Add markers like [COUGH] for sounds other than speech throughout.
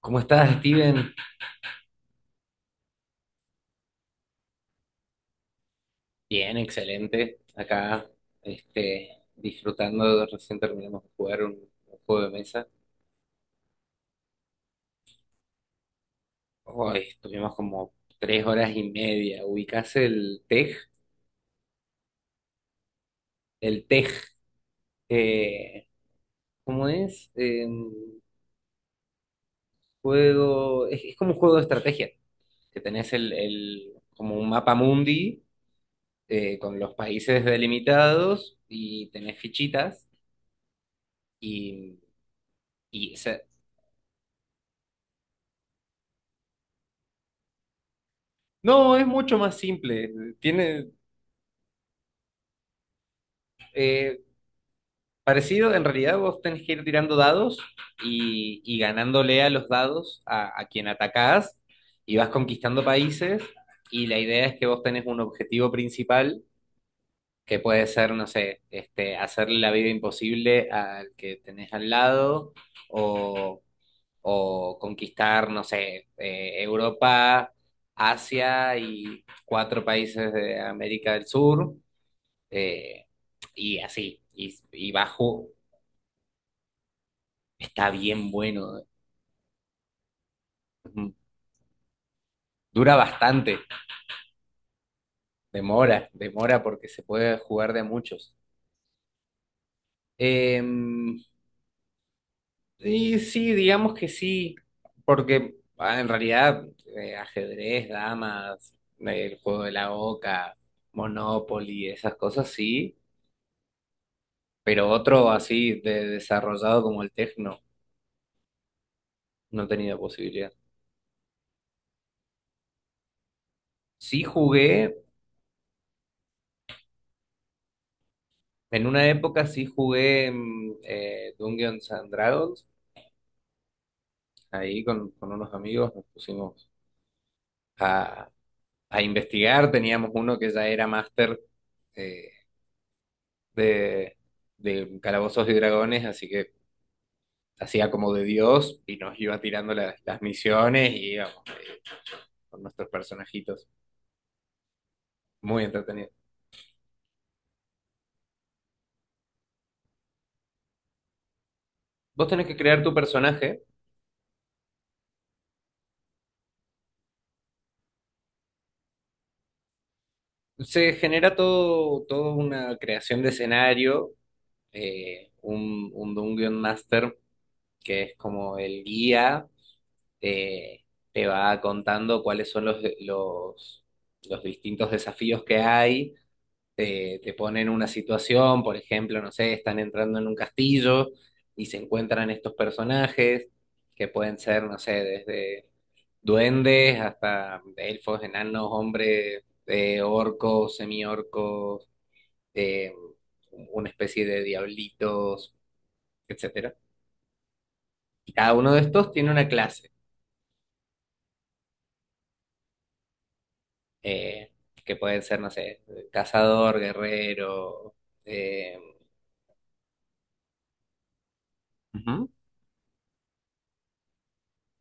¿Cómo estás, Steven? Bien, excelente. Acá, disfrutando, recién terminamos de jugar un juego de mesa. Hoy estuvimos como 3 horas y media. ¿Ubicás el tej? El tej, eh, ¿cómo es? Es como un juego de estrategia, que tenés como un mapa mundi, con los países delimitados y tenés fichitas y, y se- no, es mucho más simple. Tiene, eh, parecido, en realidad vos tenés que ir tirando dados y ganándole a los dados a quien atacás y vas conquistando países y la idea es que vos tenés un objetivo principal que puede ser, no sé, este, hacerle la vida imposible al que tenés al lado o, o conquistar, no sé, Europa, Asia y cuatro países de América del Sur, eh, y así. Está bien bueno. Mm, dura bastante. Demora, demora porque se puede jugar de a muchos. Eh, y sí, digamos que sí, porque ah, en realidad ajedrez, damas, el juego de la oca, Monopoly, esas cosas sí, pero otro así de desarrollado como el Tecno no he tenido posibilidad. Sí jugué, en una época sí jugué Dungeons and Dragons. Ahí con unos amigos nos pusimos a, a investigar. Teníamos uno que ya era máster, eh, de, de Calabozos y Dragones, así que hacía como de Dios y nos iba tirando las misiones y íbamos con nuestros personajitos. Muy entretenido. Vos tenés que crear tu personaje. Se genera todo, toda una creación de escenario, un guion master, que es como el guía, te, te va contando cuáles son los los distintos desafíos que hay, te ponen una situación, por ejemplo, no sé, están entrando en un castillo y se encuentran estos personajes que pueden ser, no sé, desde duendes hasta elfos, enanos, hombres, orcos, semiorcos, eh, una especie de diablitos, etcétera. Y cada uno de estos tiene una clase, eh, que pueden ser, no sé, cazador, guerrero. eh, Ujú.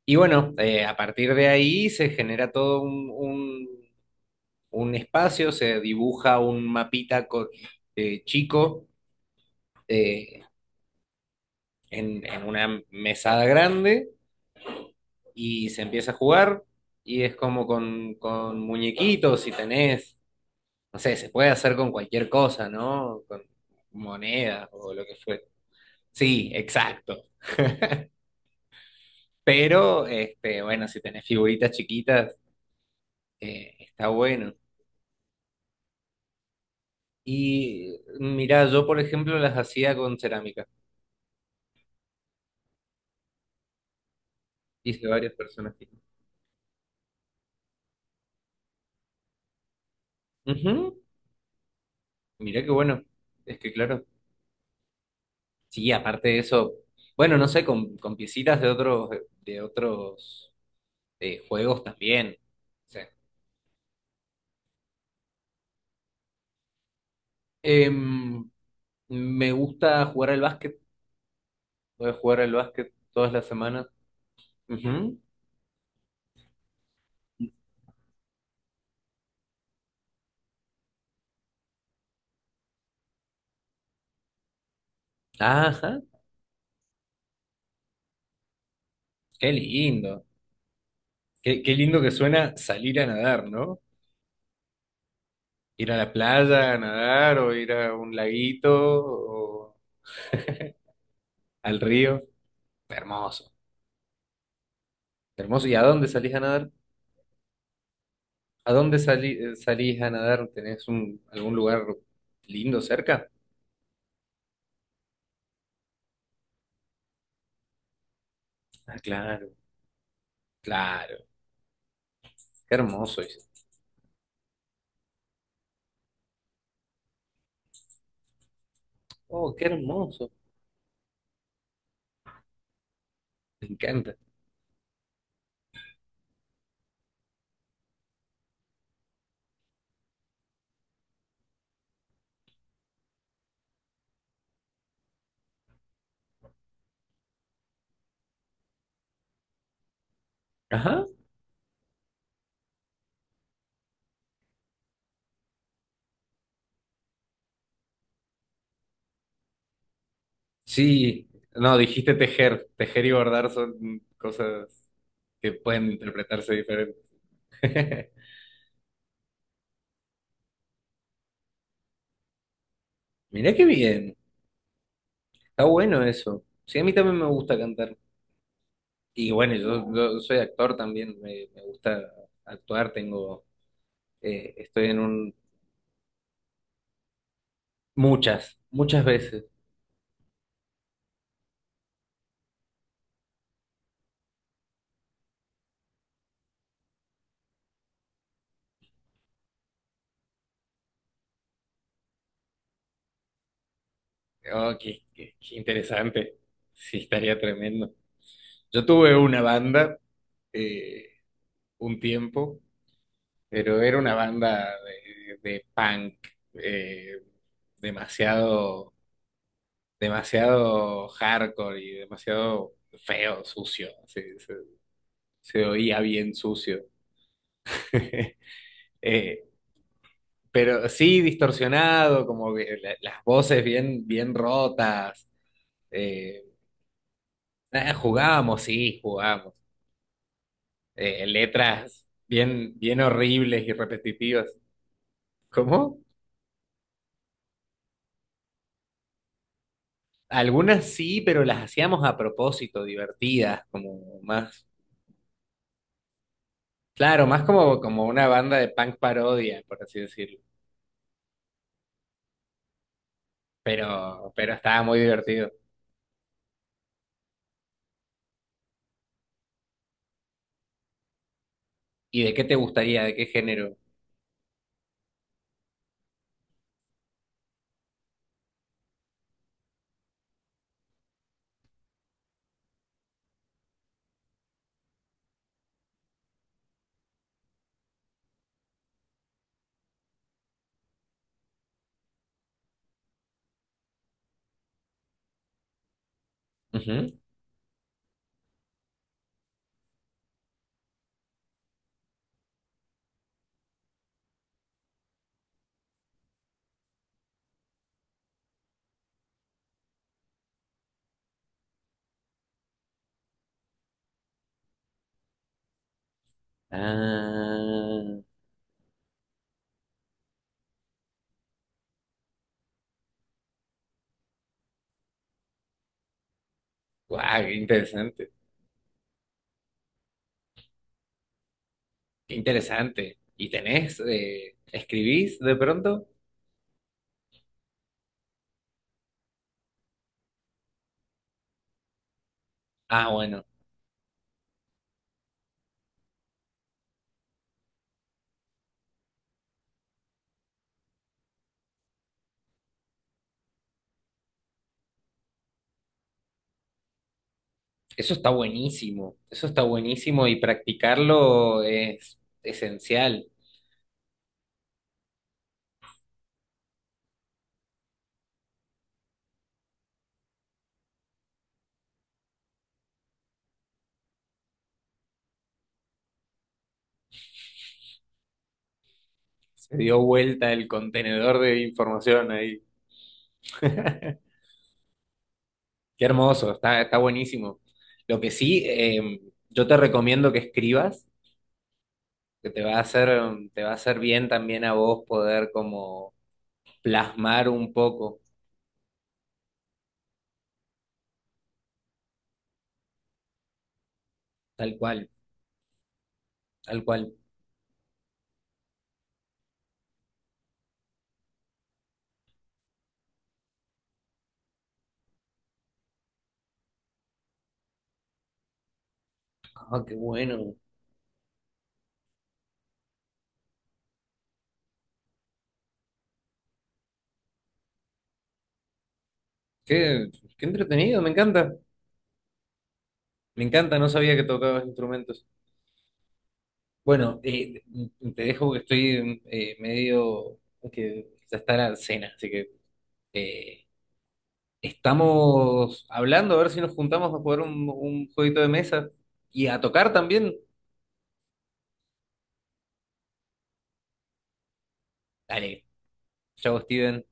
Y bueno, a partir de ahí se genera todo un espacio, se dibuja un mapita chico, eh, en una mesada grande y se empieza a jugar, y es como con muñequitos, si tenés, no sé, se puede hacer con cualquier cosa, ¿no? Con monedas o lo que fue. Sí, exacto. Pero, este, bueno, si tenés figuritas chiquitas, está bueno. Y mira, yo por ejemplo las hacía con cerámica. Hice varias personas. Ujú, mirá qué bueno. Es que claro. Sí, aparte de eso, bueno, no sé, con piecitas de otros, de otros, juegos también. O sea, em, me gusta jugar al básquet. Voy a jugar al básquet todas las semanas. Ujú. Ajá, qué lindo. Qué, qué lindo que suena salir a nadar, ¿no? Ir a la playa a nadar o ir a un laguito o al río. Hermoso, hermoso. ¿Y a dónde salís a nadar? ¿A dónde salís a nadar? ¿Tenés un, algún lugar lindo cerca? Ah, claro, claro. Qué hermoso, dice. Oh, qué hermoso. Me encanta. Ajá. Sí, no, dijiste tejer. Tejer y bordar son cosas que pueden interpretarse diferentes. [LAUGHS] Mirá qué bien. Está bueno eso. Sí, a mí también me gusta cantar. Y bueno, yo soy actor también, me gusta actuar, tengo, estoy en un, muchas, muchas veces. Oh, qué, qué interesante. Sí, estaría tremendo. Yo tuve una banda eh, un tiempo, pero era una banda de punk, eh, demasiado, demasiado hardcore y demasiado feo, sucio. Así, sí. Se oía bien sucio. [LAUGHS] Eh, pero sí distorsionado, como que las voces bien, bien rotas. Eh, nada, jugábamos, sí, jugábamos. Letras bien, bien horribles y repetitivas. ¿Cómo? Algunas sí, pero las hacíamos a propósito, divertidas, como más, claro, más como, como una banda de punk parodia, por así decirlo. Pero estaba muy divertido. ¿Y de qué te gustaría? ¿De qué género? Ujú. Ah, guau, qué interesante, qué interesante. ¿Y tenés, escribís de pronto? Ah, bueno, eso está buenísimo y practicarlo es esencial. Se dio vuelta el contenedor de información ahí. Qué hermoso, está, está buenísimo. Lo que sí, yo te recomiendo que escribas, que te va a hacer, te va a hacer bien también a vos poder como plasmar un poco, tal cual, tal cual. Ah, qué bueno. Qué, qué entretenido, me encanta. Me encanta, no sabía que tocabas instrumentos. Bueno, te dejo que estoy medio que ya está la cena, así que eh, estamos hablando a ver si nos juntamos a jugar un jueguito de mesa y a tocar también. Dale, chao, Steven.